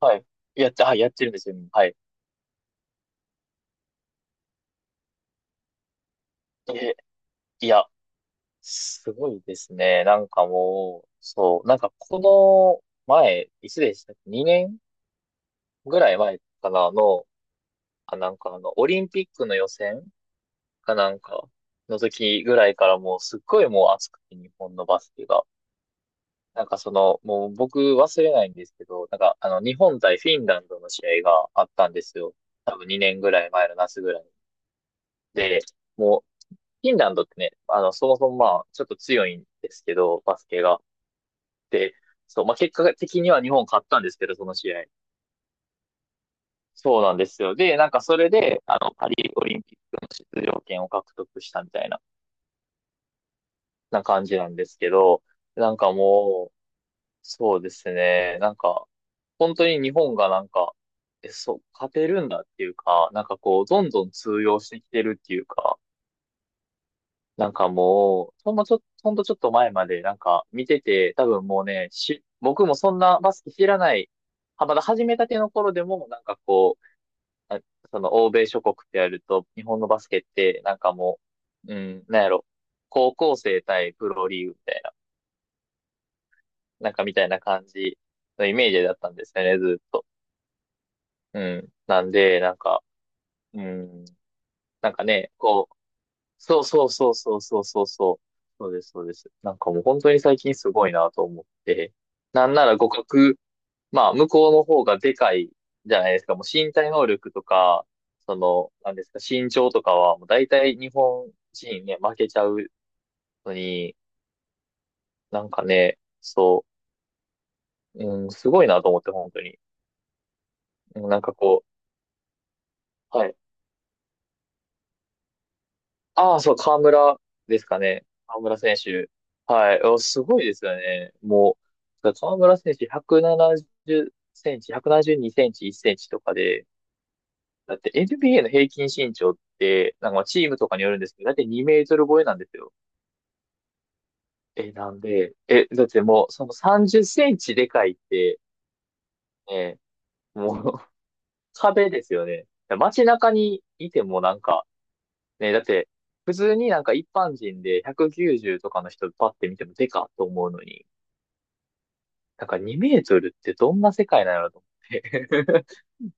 はい。やってるんですよ。はい。え、いや、すごいですね。なんかもう、そう、なんかこの前、いつでしたっけ？ 2 年ぐらい前かなの、なんか、オリンピックの予選かなんかの時ぐらいからもうすっごいもう熱くて日本のバスケが。なんかその、もう僕忘れないんですけど、なんか、日本対フィンランドの試合があったんですよ。多分2年ぐらい前の夏ぐらい。で、もうフィンランドってね、そもそもまあ、ちょっと強いんですけど、バスケが。で、そう、まあ結果的には日本勝ったんですけど、その試合。そうなんですよ。で、なんかそれで、パリオリンピックの出場権を獲得したみたいな、な感じなんですけど、なんかもう、そうですね、なんか、本当に日本がなんか、そう、勝てるんだっていうか、なんかこう、どんどん通用してきてるっていうか、なんかもう、ほんとちょっと前までなんか見てて、多分もうね、僕もそんなバスケ知らない、はまだ始めたての頃でも、なんかこう、あその欧米諸国ってやると、日本のバスケって、なんかもう、うん、なんやろ、高校生対プロリーグみたいな、なんかみたいな感じのイメージだったんですよね、ずっと。うん。なんで、なんか、うん、なんかね、こう、そうそうそうそうそうそうそう。そうです、そうです。なんかもう本当に最近すごいなと思って。なんなら互角、まあ向こうの方がでかいじゃないですか。もう身体能力とか、その、なんですか、身長とかはもう大体日本人ね、負けちゃうのに、なんかね、そう、うん、すごいなと思って本当に。うんなんかこう、はい。ああ、そう、河村ですかね。河村選手。はい。おすごいですよね。もう、河村選手170センチ、172センチ、1センチとかで、だって NBA の平均身長って、なんかチームとかによるんですけど、だって2メートル超えなんですよ。え、なんで、え、だってもう、その30センチでかいって、ね、もう 壁ですよね。街中にいてもなんか、ね、だって、普通になんか一般人で190とかの人パッて見てもデカと思うのに、なんか2メートルってどんな世界なのと思って。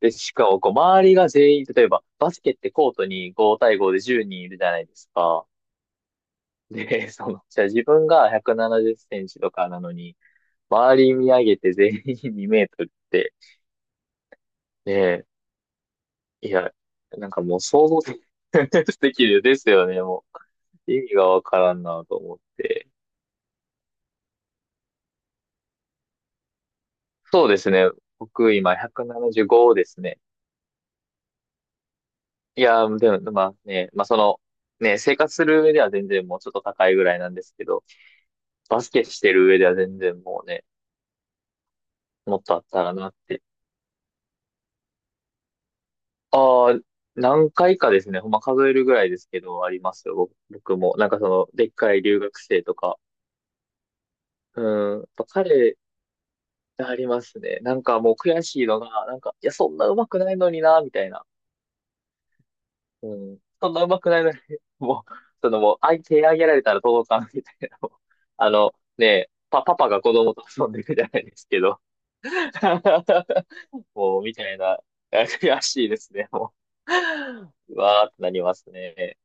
で、しかもこう周りが全員、例えばバスケってコートに5対5で10人いるじゃないですか。で、その、じゃあ自分が170センチとかなのに、周り見上げて全員2メートルって、ねえ、いや、なんかもう想像で できるですよね、もう。意味がわからんなと思って。そうですね。僕今175ですね。いやー、でも、まあね、まあその、ね、生活する上では全然もうちょっと高いぐらいなんですけど、バスケしてる上では全然もうね、もっとあったらなって。ああ、何回かですね、ほんま数えるぐらいですけど、ありますよ、僕も。なんかその、でっかい留学生とか。うん、やっぱ彼、ありますね。なんかもう悔しいのが、なんか、いや、そんな上手くないのにな、みたいな。うん。そんな上手くないのに、もう、そのもう、手上げられたら届かんみたいな。もうあの、ねえ、パパが子供と遊んでるじゃないですけど。もう、みたいな、悔しいですね。もう、うわーってなりますね。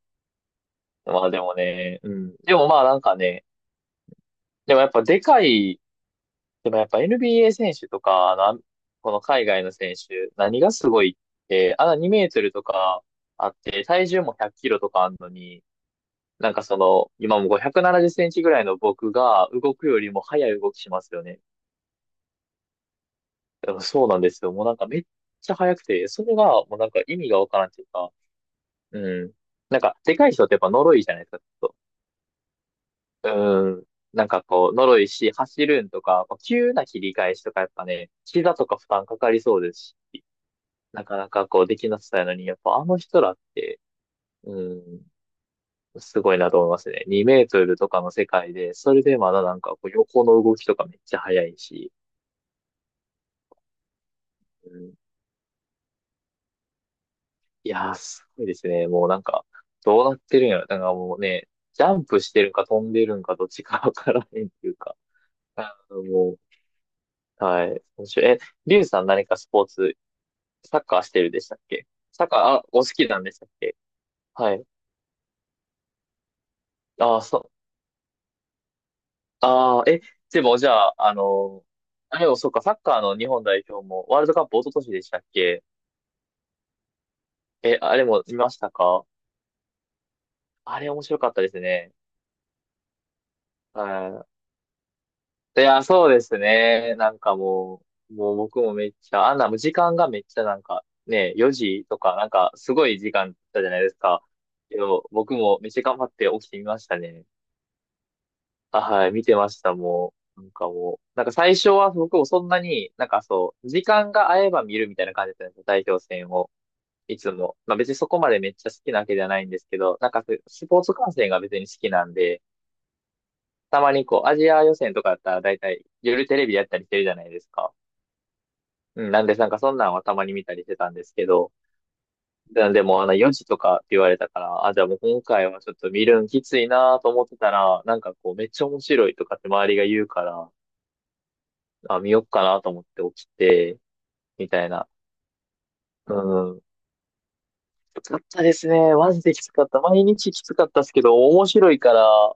まあでもね、うん。でもまあなんかね、でもやっぱでかい、でもやっぱ NBA 選手とか、あの、この海外の選手、何がすごいって、あの2メートルとかあって、体重も100キロとかあんのに、なんかその、今も570センチぐらいの僕が動くよりも速い動きしますよね。だからそうなんですよ。もうなんかめっちゃ速くて、それがもうなんか意味がわからんっていうか、うん。なんか、でかい人ってやっぱ呪いじゃないですか、ちょっと。うん。なんかこう、呪いし、走るんとか、こう急な切り返しとかやっぱね、膝とか負担かかりそうですし、なかなかこうできなさそうやのに、やっぱあの人らって、うん、すごいなと思いますね。2メートルとかの世界で、それでまだなんかこう横の動きとかめっちゃ速いし、うん、いやー、すごいですね。もうなんか、どうなってるんやろ。なんかもうね、ジャンプしてるか飛んでるんかどっちかわからへんっていうか。もう、はい。面白い。リュウさん何かスポーツ、サッカーしてるでしたっけ？サッカー、お好きなんでしたっけ？はい。ああ、そう。ああ、え、でもじゃあ、あれもそうか、サッカーの日本代表もワールドカップ一昨年でしたっけ？あれも見ましたか？あれ面白かったですね。はい。いや、そうですね。なんかもう、もう僕もめっちゃ、あんなもう時間がめっちゃなんかね、4時とかなんかすごい時間だったじゃないですか。けど、僕もめっちゃ頑張って起きてみましたね。はい、見てました、もう。なんかもう、なんか最初は僕もそんなに、なんかそう、時間が合えば見るみたいな感じだったんですよ、代表戦を。いつも。まあ別にそこまでめっちゃ好きなわけではないんですけど、なんかそういうスポーツ観戦が別に好きなんで、たまにこう、アジア予選とかだったら大体夜テレビやったりしてるじゃないですか。うん、なんでなんかそんなんはたまに見たりしてたんですけど、なんでもうあの4時とかって言われたから、じゃあもう今回はちょっと見るんきついなと思ってたら、なんかこうめっちゃ面白いとかって周りが言うから、見よっかなと思って起きて、みたいな。うん。きつかったですね。マジできつかった。毎日きつかったですけど、面白いから、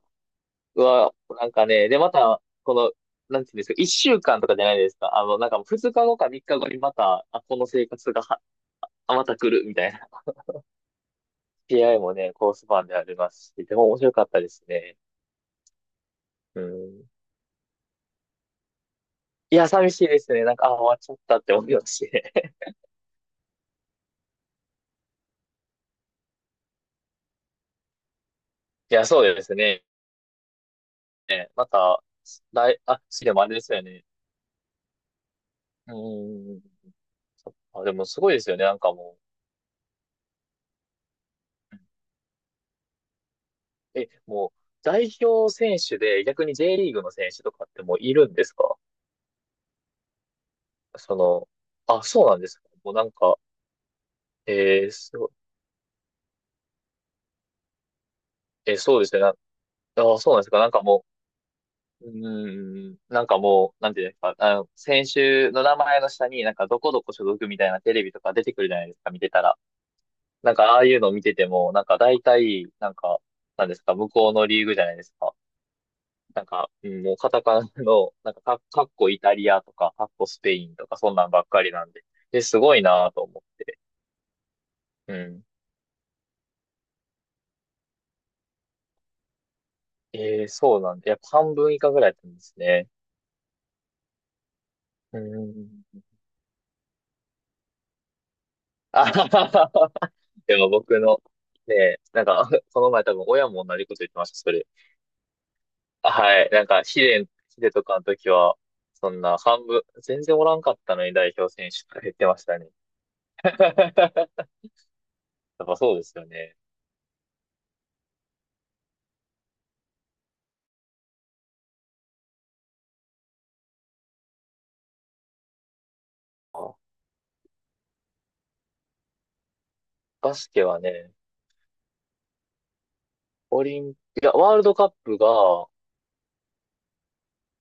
うわ、なんかね、で、また、この、なんていうんですか、一週間とかじゃないですか。なんか二日後か三日後にまた、この生活がは、また来るみたいな。PI もね、コースパンでありますし、でも面白かったですね。うん。いや、寂しいですね。なんか、終わっちゃったって思いますしね。いや、そうですね。ねまた、次でもあれですよね。うん。そっかでもすごいですよね。なんかもう。もう、代表選手で逆に J リーグの選手とかってもういるんですか？その、そうなんですか。もうなんか、そう、そうですね。なあ、そうなんですか。なんかもう、うーん、なんかもう、なんていうんですか。あの、先週の名前の下になんかどこどこ所属みたいなテレビとか出てくるじゃないですか。見てたら。なんかああいうの見てても、なんか大体、なんか、なんですか、向こうのリーグじゃないですか。なんか、うんもうカタカナの、なんかか、かっこイタリアとか、かっこスペインとか、そんなんばっかりなんで。ですごいなぁと思って。うん。ええそうなんだ。やっぱ半分以下ぐらいだったんですね。うーん。あははは。でも僕の、ねえ、なんか、この前多分親も同じこと言ってました、それ。はい。なんか、試練とかの時は、そんな半分、全然おらんかったのに代表選手とか言ってましたね。やっぱそうですよね。あ、バスケはね、オリンピア、ワールドカップが、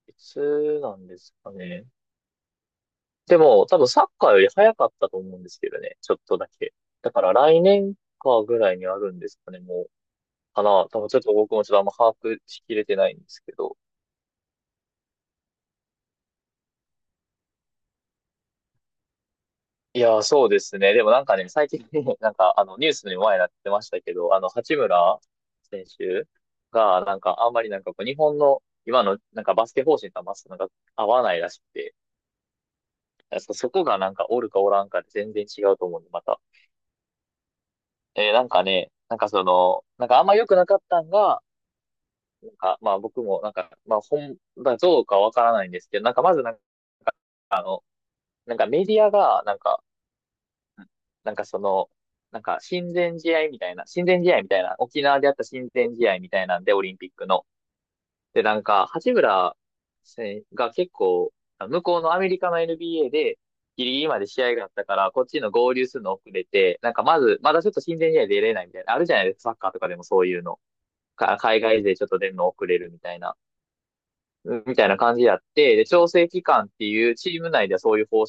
いつなんですかね。でも、多分サッカーより早かったと思うんですけどね。ちょっとだけ。だから来年かぐらいにあるんですかね、もう。かな。多分ちょっと僕もちょっとあんま把握しきれてないんですけど。いやー、そうですね。でもなんかね、最近ね、なんかあのニュースにも前になってましたけど、あの、八村選手が、なんかあんまりなんかこう日本の今のなんかバスケ方針とはまっすぐなんか合わないらしくて、そこがなんかおるかおらんかで全然違うと思うんで、また。なんかね、なんかその、なんかあんま良くなかったんが、なんか、まあ僕もなんか、まあ本だどうかわからないんですけど、なんかまずなんか、あの、なんかメディアが、なんか、なんかその、なんか親善試合みたいな、沖縄であった親善試合みたいなんで、オリンピックの。で、なんか、八村選手が結構、向こうのアメリカの NBA で、ギリギリまで試合があったから、こっちの合流するの遅れて、なんかまず、まだちょっと親善試合出れないみたいな、あるじゃないですか、サッカーとかでもそういうの。か海外勢ちょっと出るの遅れるみたいな。みたいな感じやって、で、調整期間っていうチーム内ではそういう方